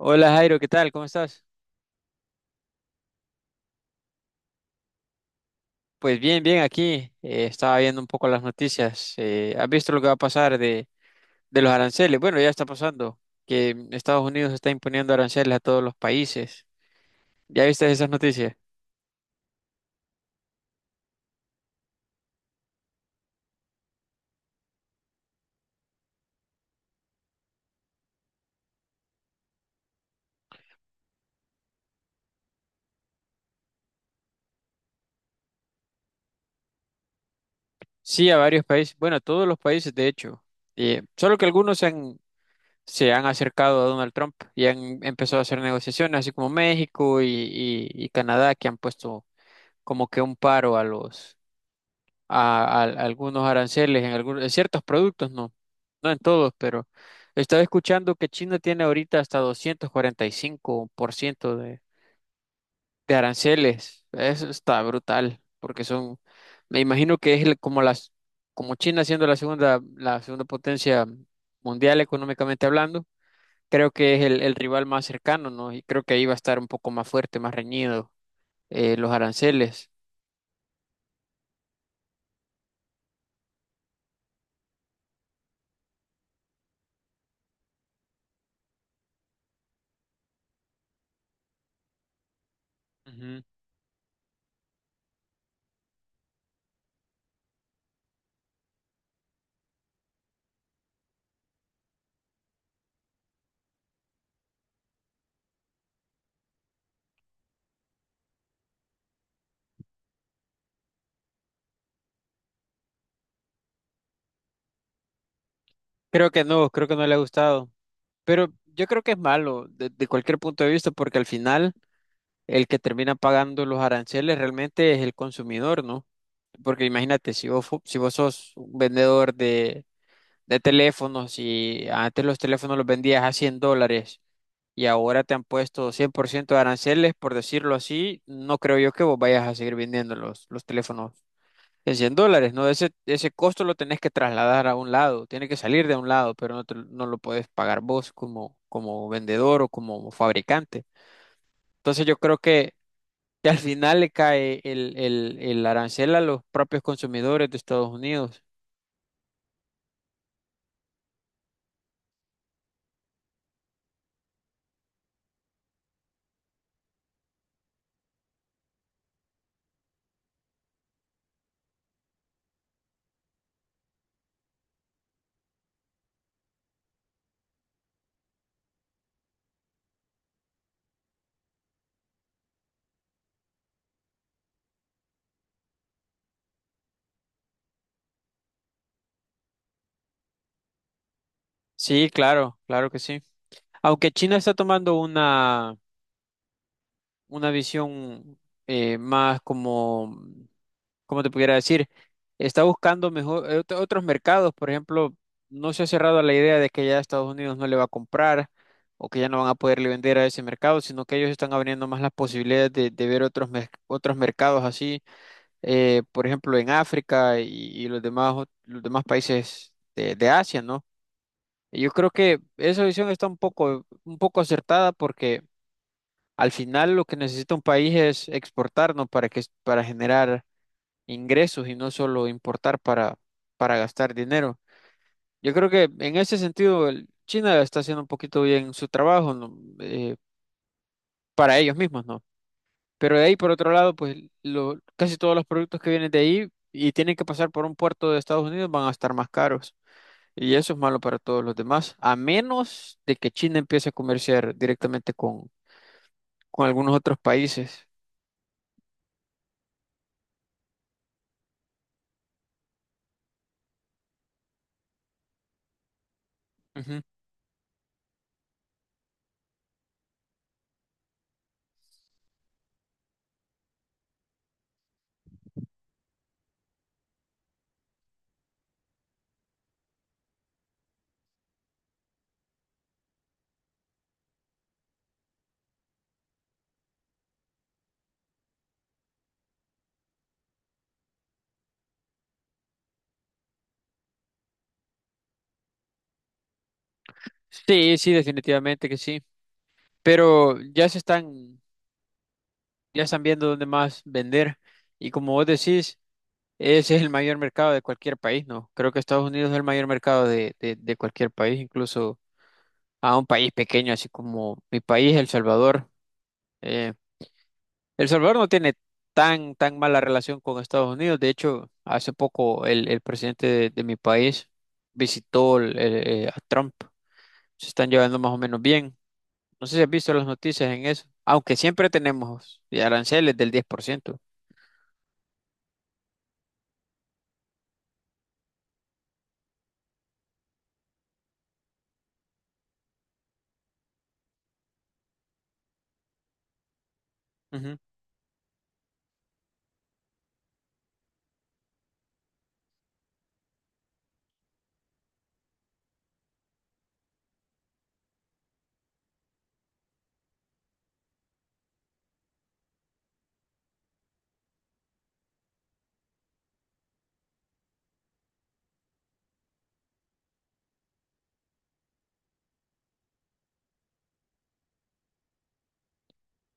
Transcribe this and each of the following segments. Hola Jairo, ¿qué tal? ¿Cómo estás? Pues bien, bien, aquí estaba viendo un poco las noticias. ¿Has visto lo que va a pasar de los aranceles? Bueno, ya está pasando, que Estados Unidos está imponiendo aranceles a todos los países. ¿Ya viste esas noticias? Sí, a varios países, bueno, a todos los países de hecho, solo que algunos se han acercado a Donald Trump y han empezado a hacer negociaciones, así como México y Canadá, que han puesto como que un paro a algunos aranceles en algunos, en ciertos productos, no, no en todos, pero estaba escuchando que China tiene ahorita hasta 245% de aranceles. Eso está brutal, porque son, me imagino que es como como China siendo la segunda potencia mundial económicamente hablando. Creo que es el rival más cercano, ¿no? Y creo que ahí va a estar un poco más fuerte, más reñido, los aranceles. Ujú. Creo que no le ha gustado. Pero yo creo que es malo de cualquier punto de vista, porque al final el que termina pagando los aranceles realmente es el consumidor, ¿no? Porque imagínate, si si vos sos un vendedor de teléfonos, y antes los teléfonos los vendías a $100, y ahora te han puesto 100% de aranceles, por decirlo así, no creo yo que vos vayas a seguir vendiendo los teléfonos en $100, ¿no? Ese costo lo tenés que trasladar a un lado, tiene que salir de un lado, pero no, te lo no lo puedes pagar vos como, como vendedor o como fabricante. Entonces yo creo que al final le cae el arancel a los propios consumidores de Estados Unidos. Sí, claro, claro que sí. Aunque China está tomando una visión más como como te pudiera decir, está buscando mejor otros mercados. Por ejemplo, no se ha cerrado a la idea de que ya Estados Unidos no le va a comprar, o que ya no van a poderle vender a ese mercado, sino que ellos están abriendo más las posibilidades de ver otros mercados así, por ejemplo en África y los demás países de Asia, ¿no? Yo creo que esa visión está un poco acertada, porque al final lo que necesita un país es exportarnos para que, para generar ingresos, y no solo importar para gastar dinero. Yo creo que en ese sentido China está haciendo un poquito bien su trabajo, ¿no? Para ellos mismos, ¿no? Pero de ahí, por otro lado, pues casi todos los productos que vienen de ahí y tienen que pasar por un puerto de Estados Unidos van a estar más caros. Y eso es malo para todos los demás, a menos de que China empiece a comerciar directamente con algunos otros países. Ujú. Sí, sí, definitivamente que sí. Pero ya están viendo dónde más vender. Y como vos decís, ese es el mayor mercado de cualquier país, ¿no? Creo que Estados Unidos es el mayor mercado de cualquier país, incluso a un país pequeño, así como mi país, El Salvador. Eh, El Salvador no tiene tan, tan mala relación con Estados Unidos. De hecho, hace poco el presidente de mi país visitó a Trump. Se están llevando más o menos bien. No sé si has visto las noticias en eso, aunque siempre tenemos aranceles del 10%.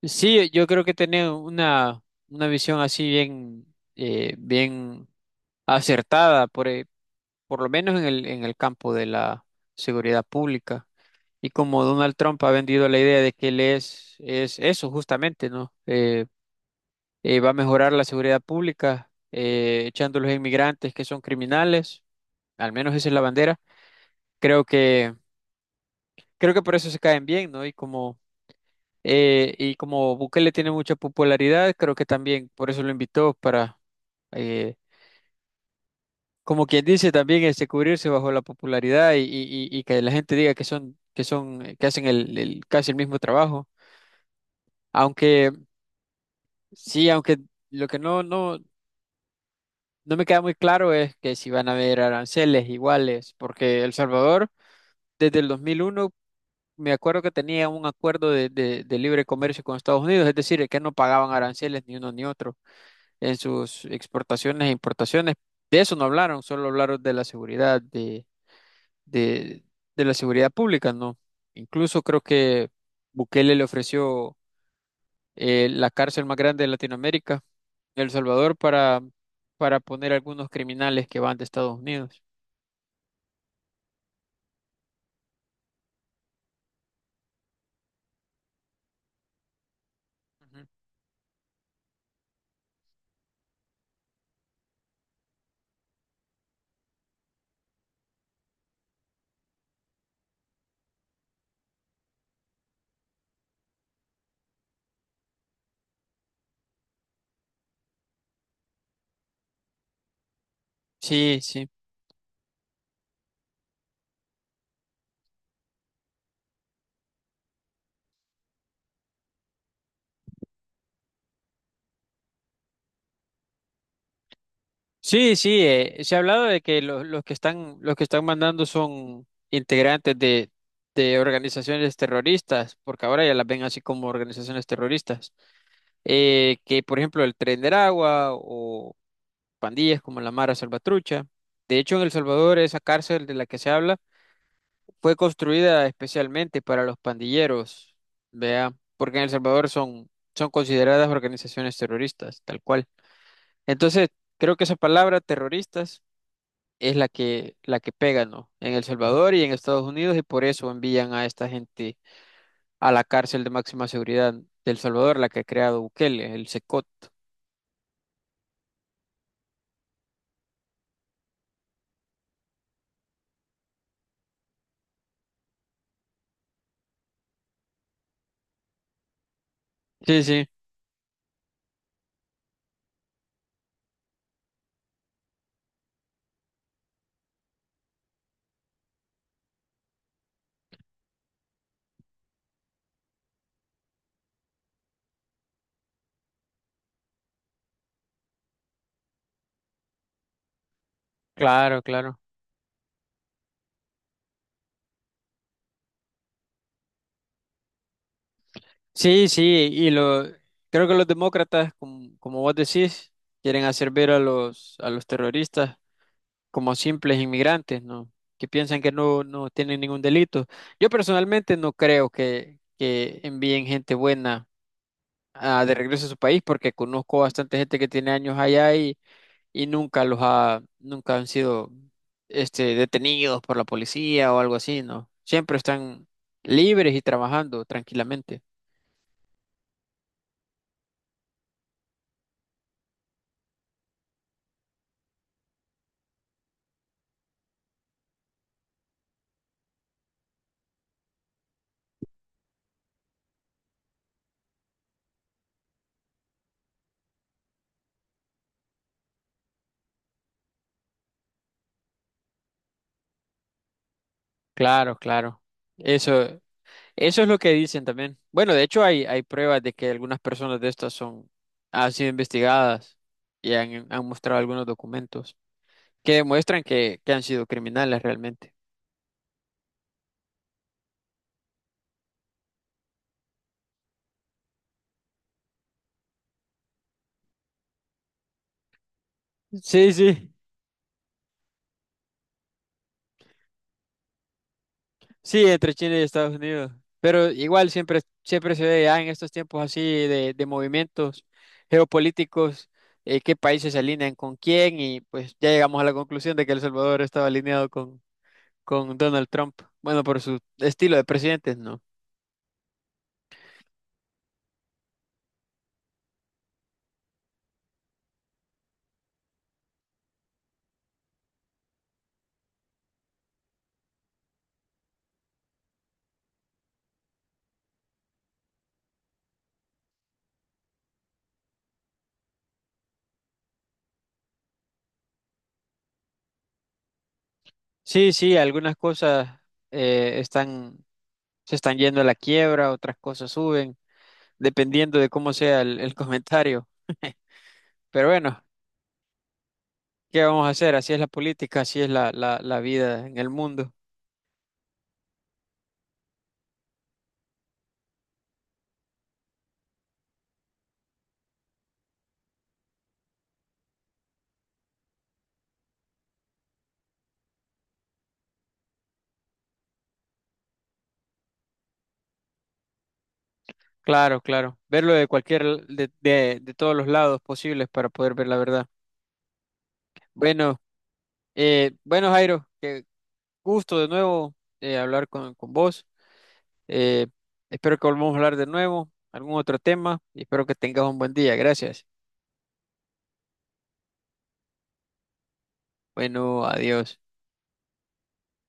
Sí, yo creo que tener una visión así bien, bien acertada, por lo menos en el campo de la seguridad pública. Y como Donald Trump ha vendido la idea de que él es eso justamente, ¿no? Va a mejorar la seguridad pública, echando a los inmigrantes que son criminales, al menos esa es la bandera. Creo creo que por eso se caen bien, ¿no? Y como Bukele tiene mucha popularidad, creo que también por eso lo invitó para, eh, como quien dice, también este, cubrirse bajo la popularidad y que la gente diga que son, que son, que hacen casi el mismo trabajo. Aunque sí, aunque lo que no me queda muy claro es que si van a haber aranceles iguales, porque El Salvador desde el 2001 me acuerdo que tenía un acuerdo de de libre comercio con Estados Unidos, es decir, que no pagaban aranceles ni uno ni otro en sus exportaciones e importaciones. De eso no hablaron, solo hablaron de la seguridad, de, de la seguridad pública, ¿no? Incluso creo que Bukele le ofreció la cárcel más grande de Latinoamérica, El Salvador, para poner algunos criminales que van de Estados Unidos. Ujú. Sí, sí. Sí, sí, se ha hablado de que los que están mandando son integrantes de organizaciones terroristas, porque ahora ya las ven así como organizaciones terroristas. Que por ejemplo el Tren del Agua, o pandillas como la Mara Salvatrucha. De hecho, en El Salvador esa cárcel de la que se habla fue construida especialmente para los pandilleros, vea, porque en El Salvador son consideradas organizaciones terroristas, tal cual. Entonces, creo que esa palabra terroristas es la que pega, ¿no? En El Salvador y en Estados Unidos, y por eso envían a esta gente a la cárcel de máxima seguridad del Salvador, la que ha creado Bukele, el SECOT. Sí, sí. Claro, claro. Sí, sí, y lo creo que los demócratas, como, como vos decís, quieren hacer ver a los terroristas como simples inmigrantes, ¿no? Que piensan que no tienen ningún delito. Yo personalmente no creo que envíen gente buena ah, de regreso a su país, porque conozco bastante gente que tiene años allá, y nunca los ha nunca han sido este detenidos por la policía o algo así, ¿no? Siempre están libres y trabajando tranquilamente. Claro, claro. Eso, eso es lo que dicen también. Bueno, de hecho hay pruebas de que algunas personas de estas son, han sido investigadas han mostrado algunos documentos que demuestran que han sido criminales realmente. Sí, sí, sí, entre China y Estados Unidos. Pero igual siempre, siempre se ve ya en estos tiempos así de movimientos geopolíticos, qué países se alinean con quién, y pues ya llegamos a la conclusión de que El Salvador estaba alineado con Donald Trump. Bueno, por su estilo de presidente, ¿no? Sí, sí, algunas cosas eh, están, se están yendo a la quiebra, otras cosas suben, dependiendo de cómo sea el comentario. Pero bueno, ¿qué vamos a hacer? Así es la política, así es la vida en el mundo. Claro, claro. Verlo de de todos los lados posibles para poder ver la verdad. Bueno, bueno, Jairo, qué gusto de nuevo hablar con vos. Eh, Espero que volvamos a hablar de nuevo, algún otro tema, y espero que tengas un buen día. Gracias. Bueno, adiós.